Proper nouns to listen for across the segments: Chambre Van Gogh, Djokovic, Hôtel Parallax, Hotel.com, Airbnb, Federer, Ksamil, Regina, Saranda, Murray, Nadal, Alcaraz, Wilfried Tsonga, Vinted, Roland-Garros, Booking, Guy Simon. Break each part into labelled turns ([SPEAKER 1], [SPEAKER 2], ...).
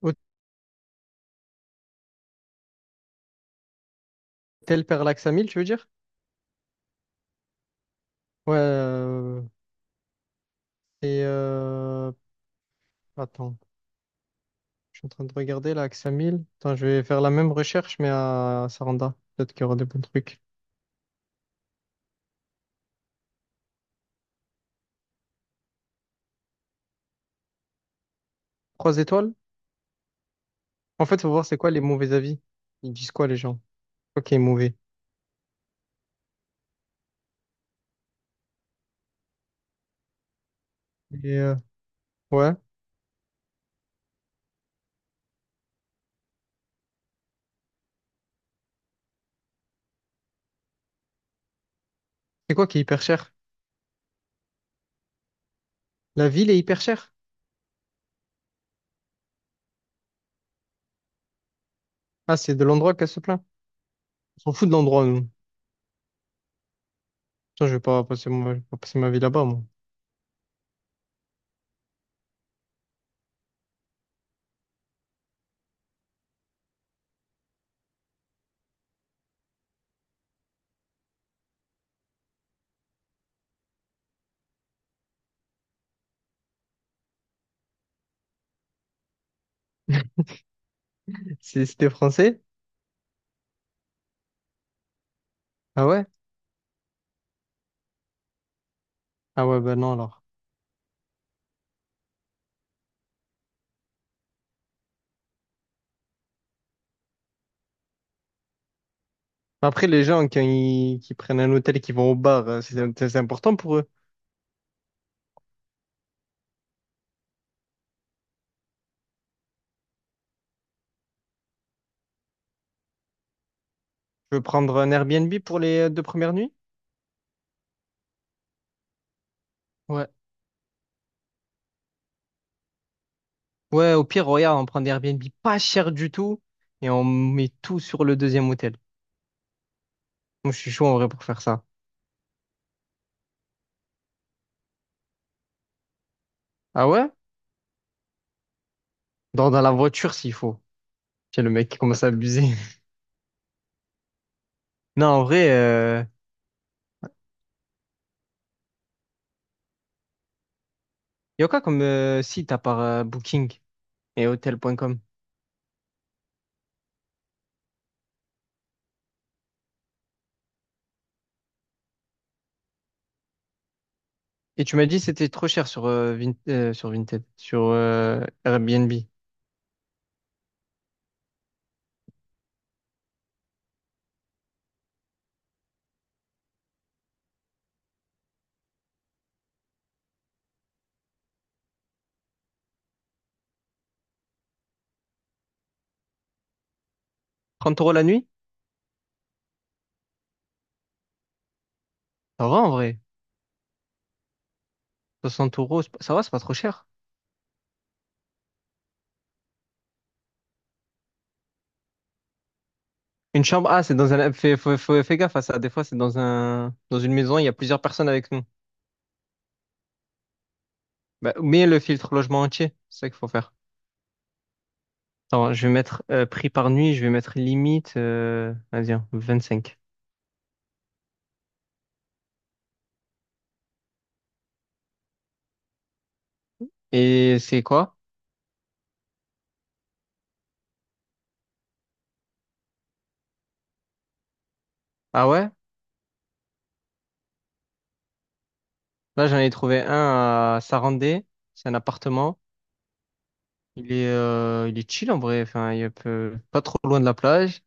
[SPEAKER 1] Hôtel Parallax à tu veux dire? Ouais. Et attends, je suis en train de regarder là, Axe. Attends, je vais faire la même recherche, mais à Saranda. Peut-être qu'il y aura des bons trucs. Trois étoiles? En fait, faut voir c'est quoi les mauvais avis. Ils disent quoi les gens? Quoi qui est mauvais? Et ouais. C'est quoi qui est hyper cher? La ville est hyper chère. Ah, c'est de l'endroit qu'elle se plaint. On s'en fout de l'endroit, nous. Putain, je vais pas passer ma vie là-bas, moi. C'était français? Ah ouais? Ah ouais, ben non, alors. Après, les gens qui prennent un hôtel et qui vont au bar, c'est important pour eux. Je veux prendre un Airbnb pour les deux premières nuits? Ouais. Ouais, au pire, regarde, on prend des Airbnb pas cher du tout et on met tout sur le deuxième hôtel. Moi, je suis chaud en vrai pour faire ça. Ah ouais? Dans la voiture s'il faut. J'ai le mec qui commence à abuser. Non, en vrai, y a quoi comme site à part Booking et Hotel.com? Et tu m'as dit que c'était trop cher sur, sur Vinted, sur Airbnb. 30 € la nuit? Ça va en vrai. 60 euros, c'est pas- ça va, c'est pas trop cher. Une chambre, ah, c'est dans un. Fais gaffe à ça. Des fois, c'est dans une maison, il y a plusieurs personnes avec nous. Bah, mais le filtre logement entier, c'est ça qu'il faut faire. Attends, je vais mettre prix par nuit, je vais mettre limite, vas-y, hein, 25. Et c'est quoi? Ah ouais? Là, j'en ai trouvé un à Sarandé. C'est un appartement. Il est chill en vrai. Enfin, il est pas trop loin de la plage.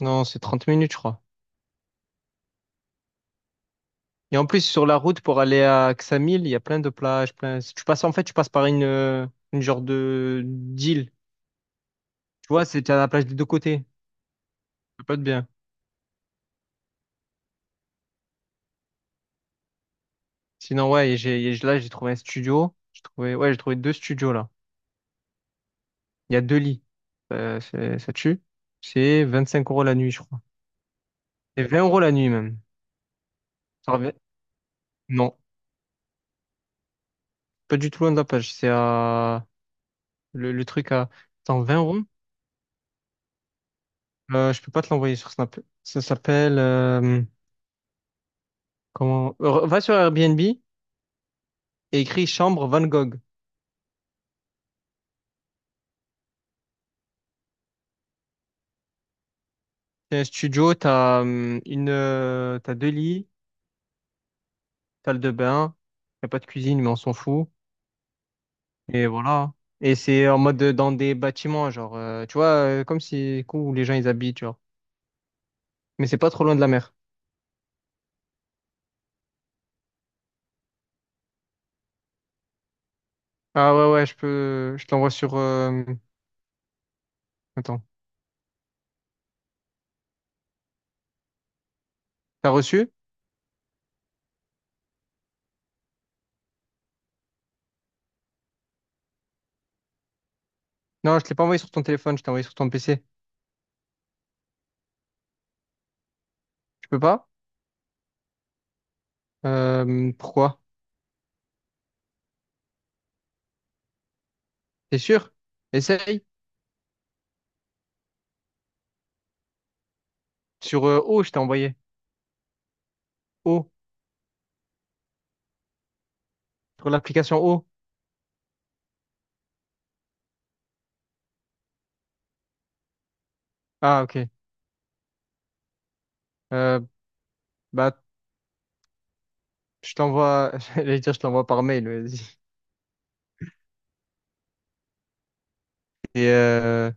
[SPEAKER 1] Non, c'est 30 minutes, je crois. Et en plus, sur la route pour aller à Ksamil, il y a plein de plages, plein. Tu passes, en fait, tu passes par une genre de d'île. Tu vois, c'est à la plage des deux côtés. Ça peut être bien. Sinon, ouais, et et là, j'ai trouvé un studio. J'ai trouvé, ouais, j'ai trouvé deux studios, là. Il y a deux lits. Ça tue. C'est 25 € la nuit, je crois. C'est 20 € la nuit, même. Ça revient- Non, pas du tout loin de la plage. C'est à. Le truc à. Attends, 20 euros? Je peux pas te l'envoyer sur Snap. Ça s'appelle. Comment. Va sur Airbnb. Et écrit Chambre Van Gogh. C'est un studio, t'as deux lits, salle de bain, y a pas de cuisine, mais on s'en fout. Et voilà. Et c'est en mode dans des bâtiments, genre, tu vois, comme si cool, où les gens ils habitent, genre. Mais c'est pas trop loin de la mer. Ah ouais, ouais, je peux, je te l'envoie sur. Attends, t'as reçu? Non, je te l'ai pas envoyé sur ton téléphone, je t'ai envoyé sur ton PC. Tu peux pas? Pourquoi? T'es sûr? Essaye. Sur O, je t'ai envoyé. O, sur l'application O. Ah ok. Euh, bah je t'envoie, j'allais dire, je t'envoie par mail, vas-y. Et euh...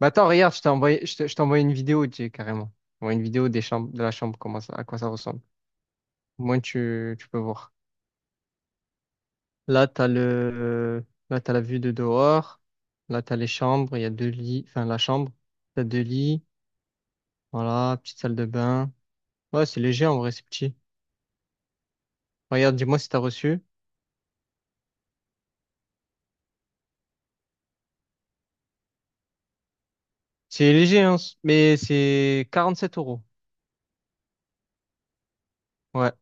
[SPEAKER 1] bah attends, regarde, je t'ai envoyé, je t'ai envoyé une vidéo, tu sais, carrément. Moi, une vidéo de la chambre, comment ça, à quoi ça ressemble. Au moins, tu peux voir. Là, t'as le, là, t'as la vue de dehors. Là, t'as les chambres, il y a deux lits, enfin, la chambre. T'as deux lits. Voilà, petite salle de bain. Ouais, c'est léger, en vrai, c'est petit. Regarde, dis-moi si t'as reçu. C'est léger, hein, mais c'est 47 euros. Ouais.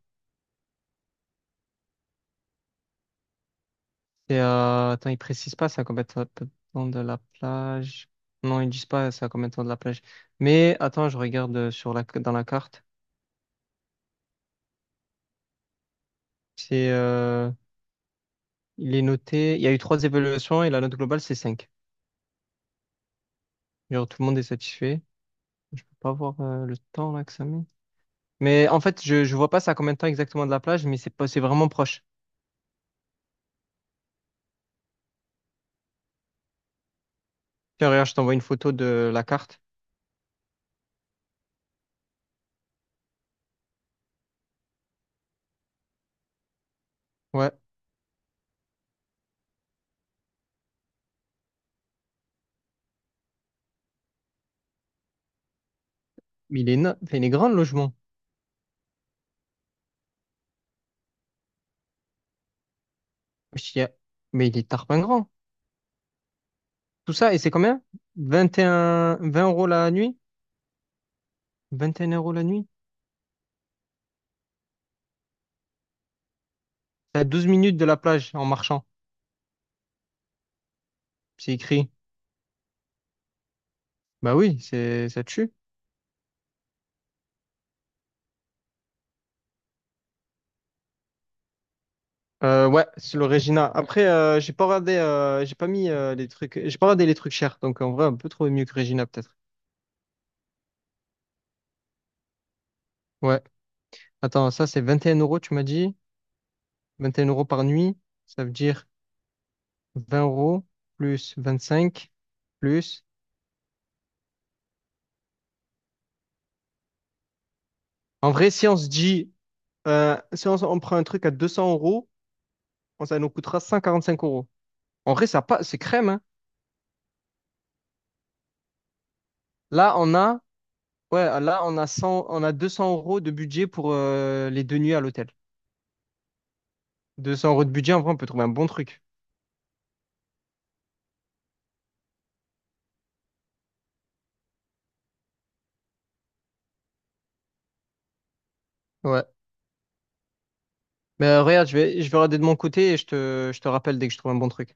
[SPEAKER 1] Et attends, ils précisent pas ça combien de temps de la plage. Non, ils disent pas ça combien de temps de la plage. Mais attends, je regarde sur la dans la carte. C'est il est noté. Il y a eu trois évaluations et la note globale c'est 5. Genre tout le monde est satisfait. Je peux pas voir le temps là que ça met. Mais en fait, je vois pas ça combien de temps exactement de la plage, mais c'est pas c'est vraiment proche. Tiens, regarde, je t'envoie une photo de la carte. Ouais, mais enfin, il est grand le logement. Je dis, ah. Mais il est tarpin grand. Tout ça, et c'est combien? 21, 20 € la nuit? 21 € la nuit? C'est à 12 minutes de la plage en marchant. C'est écrit. Bah oui, ça tue. Ouais, c'est le Regina. Après, j'ai pas regardé, j'ai pas mis les trucs, j'ai pas regardé les trucs chers. Donc en vrai, on peut trouver mieux que Regina peut-être. Ouais. Attends, ça c'est 21 euros, tu m'as dit. 21 € par nuit. Ça veut dire 20 € plus 25 plus. En vrai, si on se dit, si on prend un truc à 200 euros, ça nous coûtera 145 euros. En vrai, ça pas, c'est crème, hein. Là, ouais, là, on a 200 € de budget pour les deux nuits à l'hôtel. 200 € de budget, en vrai, on peut trouver un bon truc. Ouais. Mais regarde, je vais regarder de mon côté et je te rappelle dès que je trouve un bon truc.